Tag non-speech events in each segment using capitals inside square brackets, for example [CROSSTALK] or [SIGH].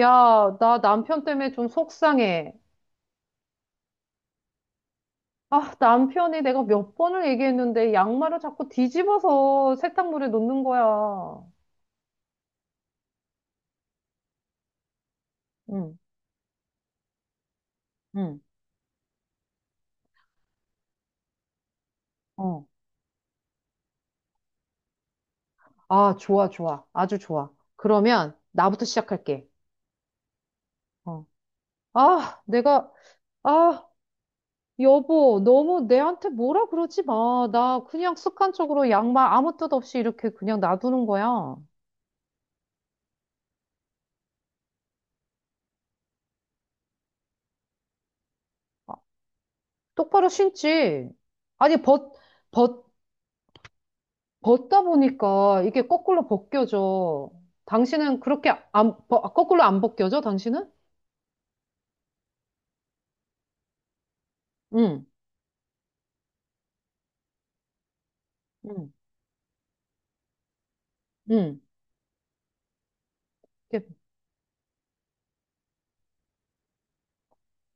야, 나 남편 때문에 좀 속상해. 아, 남편이 내가 몇 번을 얘기했는데 양말을 자꾸 뒤집어서 세탁물에 놓는 거야. 응, 응, 어. 아, 좋아, 좋아. 아주 좋아. 그러면 나부터 시작할게. 어. 아, 아, 여보, 너무 내한테 뭐라 그러지 마. 나 그냥 습관적으로 양말 아무 뜻 없이 이렇게 그냥 놔두는 거야. 아, 똑바로 신지. 아니, 벗다 보니까 이게 거꾸로 벗겨져. 당신은 그렇게 안, 벗- 아, 거꾸로 안 벗겨져, 당신은? 응, 응, 응. 이렇게.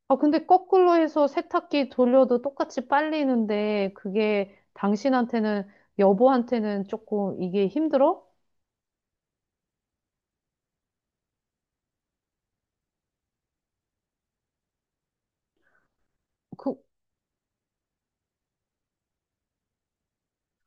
아, 근데 거꾸로 해서 세탁기 돌려도 똑같이 빨리는데, 그게 당신한테는, 여보한테는 조금 이게 힘들어? 그,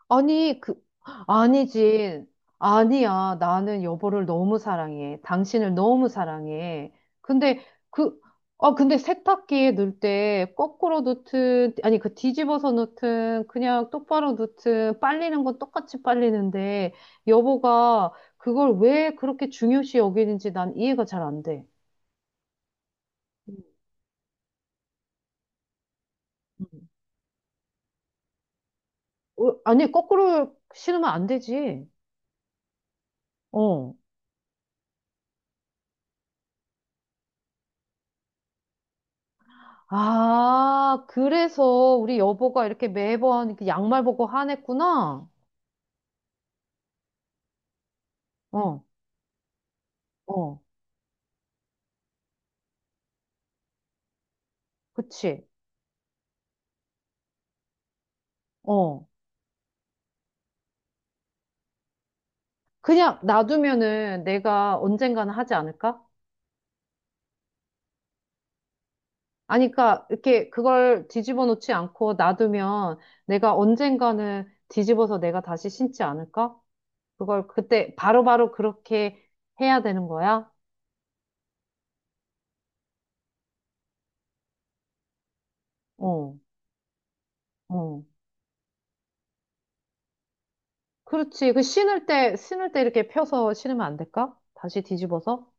아니, 아니지. 아니야. 나는 여보를 너무 사랑해. 당신을 너무 사랑해. 근데 그, 근데 세탁기에 넣을 때 거꾸로 넣든, 아니, 그 뒤집어서 넣든, 그냥 똑바로 넣든, 빨리는 건 똑같이 빨리는데, 여보가 그걸 왜 그렇게 중요시 여기는지 난 이해가 잘 안 돼. 음. 어, 아니, 거꾸로 신으면 안 되지. 어. 아, 그래서 우리 여보가 이렇게 매번 그 양말 보고 화냈구나. 응. 어, 어, 그치. 어. 그냥 놔두면은 내가 언젠가는 하지 않을까? 아니, 그러니까 이렇게 그걸 뒤집어 놓지 않고 놔두면 내가 언젠가는 뒤집어서 내가 다시 신지 않을까? 그걸 그때 바로바로 그렇게 해야 되는 거야? 어, 어. 그렇지. 그 신을 때 이렇게 펴서 신으면 안 될까? 다시 뒤집어서?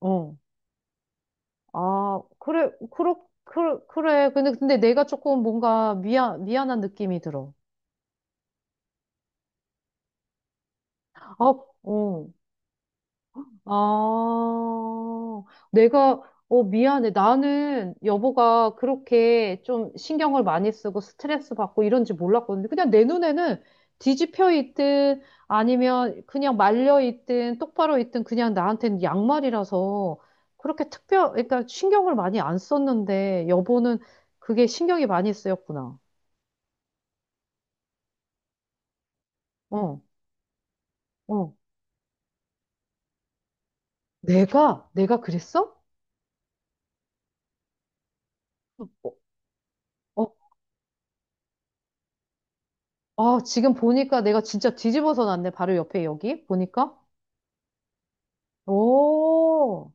어. 아, 그래, 그래, 그래. 근데 내가 조금 뭔가 미안한 느낌이 들어. 아, 어. 아, 내가, 미안해. 나는 여보가 그렇게 좀 신경을 많이 쓰고 스트레스 받고 이런지 몰랐거든요. 그냥 내 눈에는 뒤집혀 있든 아니면 그냥 말려 있든 똑바로 있든 그냥 나한테는 양말이라서 그렇게 그러니까 신경을 많이 안 썼는데 여보는 그게 신경이 많이 쓰였구나. 어, 어, 내가? 내가 그랬어? 어, 어, 아, 지금 보니까 내가 진짜 뒤집어서 놨네. 바로 옆에 여기 보니까. 오,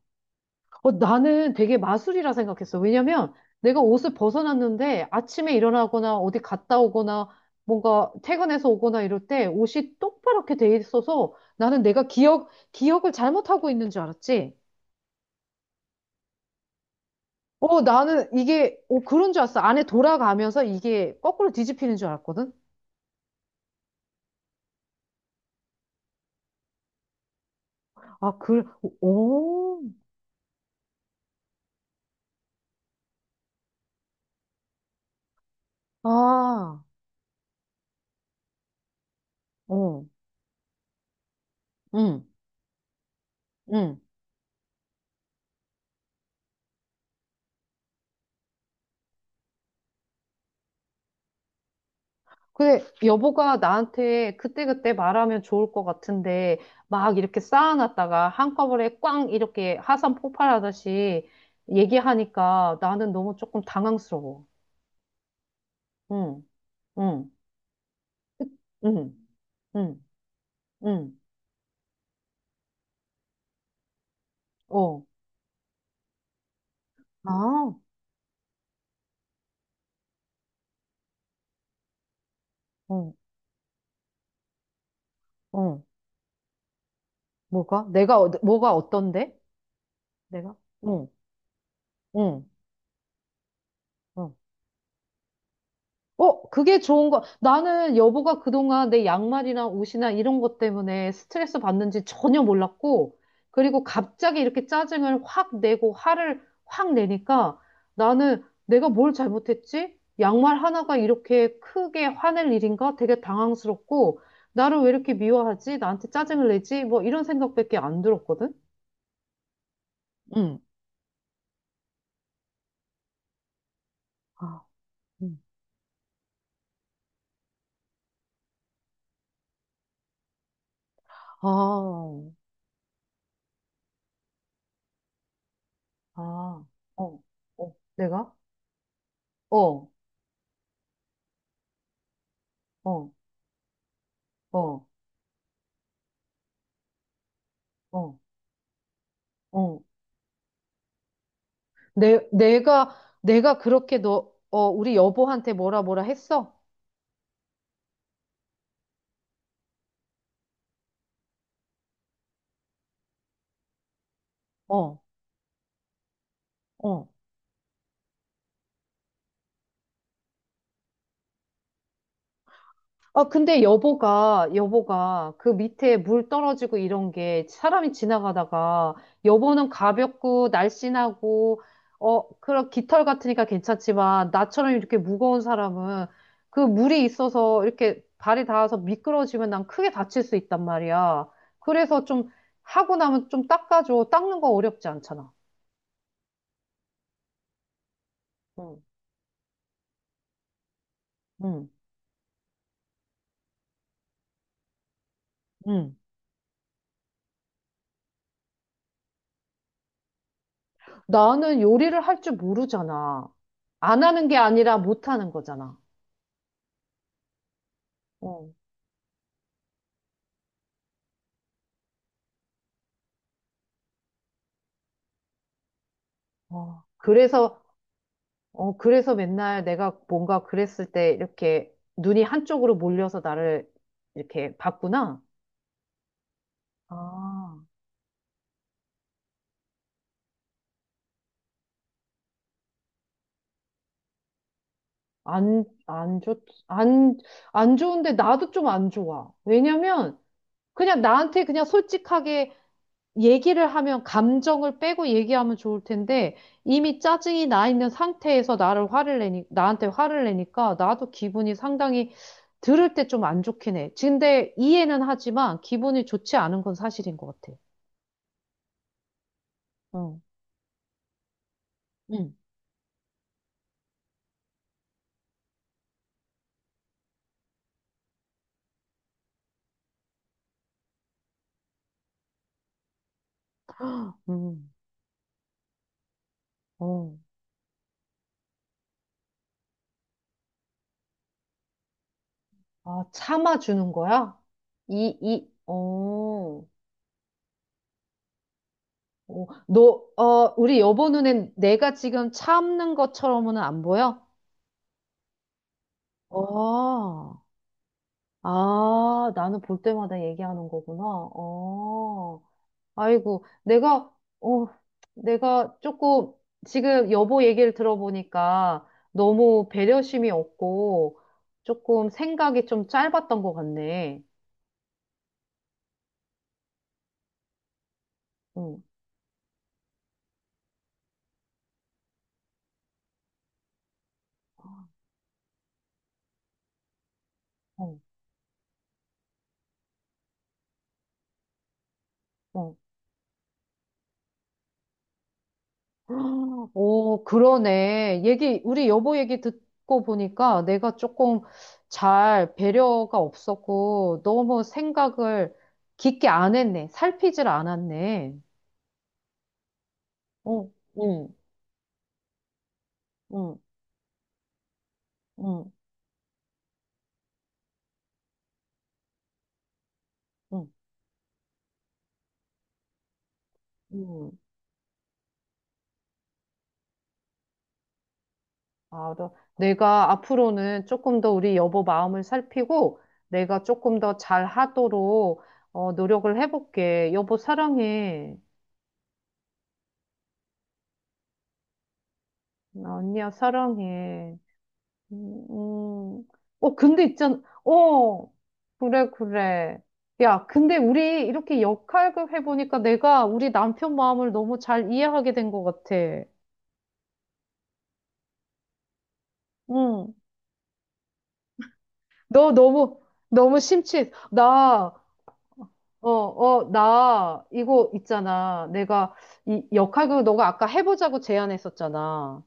어, 나는 되게 마술이라 생각했어. 왜냐면 내가 옷을 벗어놨는데 아침에 일어나거나 어디 갔다 오거나 뭔가 퇴근해서 오거나 이럴 때 옷이 똑바랗게 돼 있어서 나는 내가 기억을 잘못하고 있는 줄 알았지. 어, 나는 이게, 그런 줄 알았어. 안에 돌아가면서 이게 거꾸로 뒤집히는 줄 알았거든. 아, 그, 오, 아, 어, 응, 응. 근데 여보가 나한테 그때그때 말하면 좋을 것 같은데, 막 이렇게 쌓아놨다가 한꺼번에 꽝 이렇게 하산 폭발하듯이 얘기하니까 나는 너무 조금 당황스러워. 응, 응, 응, 응, 응, 어, 아, 어, 어, 뭐가? 뭐가 어떤데? 내가? 응, 응, 어. 어, 그게 좋은 거. 나는 여보가 그동안 내 양말이나 옷이나 이런 것 때문에 스트레스 받는지 전혀 몰랐고, 그리고 갑자기 이렇게 짜증을 확 내고 화를 확 내니까 나는 내가 뭘 잘못했지? 양말 하나가 이렇게 크게 화낼 일인가? 되게 당황스럽고, 나를 왜 이렇게 미워하지? 나한테 짜증을 내지? 뭐 이런 생각밖에 안 들었거든? 응. 아, 음. 아, 어, 아, 어, 어, 내가? 어, 어, 어, 어. 어. 내, 내가, 내가 그렇게 우리 여보한테 뭐라 뭐라 했어? 어, 어. 아, 근데 여보가 그 밑에 물 떨어지고 이런 게 사람이 지나가다가 여보는 가볍고 날씬하고, 그런 깃털 같으니까 괜찮지만 나처럼 이렇게 무거운 사람은 그 물이 있어서 이렇게 발이 닿아서 미끄러지면 난 크게 다칠 수 있단 말이야. 그래서 좀 하고 나면 좀 닦아줘. 닦는 거 어렵지 않잖아. 응. 응. 응. 나는 요리를 할 줄 모르잖아. 안 하는 게 아니라 못 하는 거잖아. 어. 어. 그래서 맨날 내가 뭔가 그랬을 때 이렇게 눈이 한쪽으로 몰려서 나를 이렇게 봤구나. 아. 안, 안 좋, 안, 안 좋은데 나도 좀 안 좋아. 왜냐면 그냥 나한테 그냥 솔직하게 얘기를 하면 감정을 빼고 얘기하면 좋을 텐데 이미 짜증이 나 있는 상태에서 나를 화를 내니 나한테 화를 내니까 나도 기분이 상당히 들을 때 좀 안 좋긴 해. 근데 이해는 하지만 기분이 좋지 않은 건 사실인 것 같아. 어, 응, 응, 어. 아, 참아주는 거야? 이, 이, 어, 어, 너, 어, 우리 여보 눈엔 내가 지금 참는 것처럼은 안 보여? 어. 아, 나는 볼 때마다 얘기하는 거구나. 어, 아이고, 어, 내가 조금 지금 여보 얘기를 들어보니까 너무 배려심이 없고 조금 생각이 좀 짧았던 것 같네. 응, 어, 어. [GASPS] 오, 그러네. 우리 여보 얘기 듣고 보니까 내가 조금 잘 배려가 없었고 너무 생각을 깊게 안 했네. 살피질 않았네. 응, 응, 응, 응, 응, 응. 알아. 내가 앞으로는 조금 더 우리 여보 마음을 살피고 내가 조금 더 잘하도록 노력을 해볼게. 여보 사랑해. 응, 언니야 사랑해. 음, 음. 어, 근데 있잖아. 어, 그래, 그래. 야, 근데 우리 이렇게 역할극 해보니까 내가 우리 남편 마음을 너무 잘 이해하게 된 것 같아. 응. 너 너무, 너무 심취해. 나 이거 있잖아. 이 역할극 너가 아까 해보자고 제안했었잖아.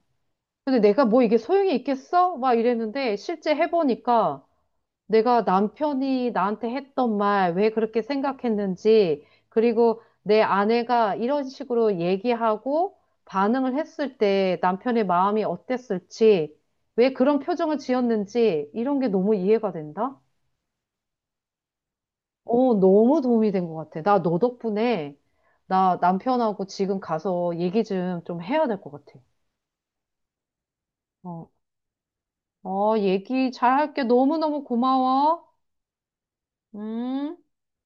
근데 내가 뭐 이게 소용이 있겠어? 막 이랬는데, 실제 해보니까 내가 남편이 나한테 했던 말, 왜 그렇게 생각했는지, 그리고 내 아내가 이런 식으로 얘기하고 반응을 했을 때 남편의 마음이 어땠을지, 왜 그런 표정을 지었는지, 이런 게 너무 이해가 된다? 어, 너무 도움이 된 것 같아. 나 너 덕분에 나 남편하고 지금 가서 얘기 좀 해야 될 것 같아. 어, 어, 얘기 잘 할게. 너무너무 고마워. 음.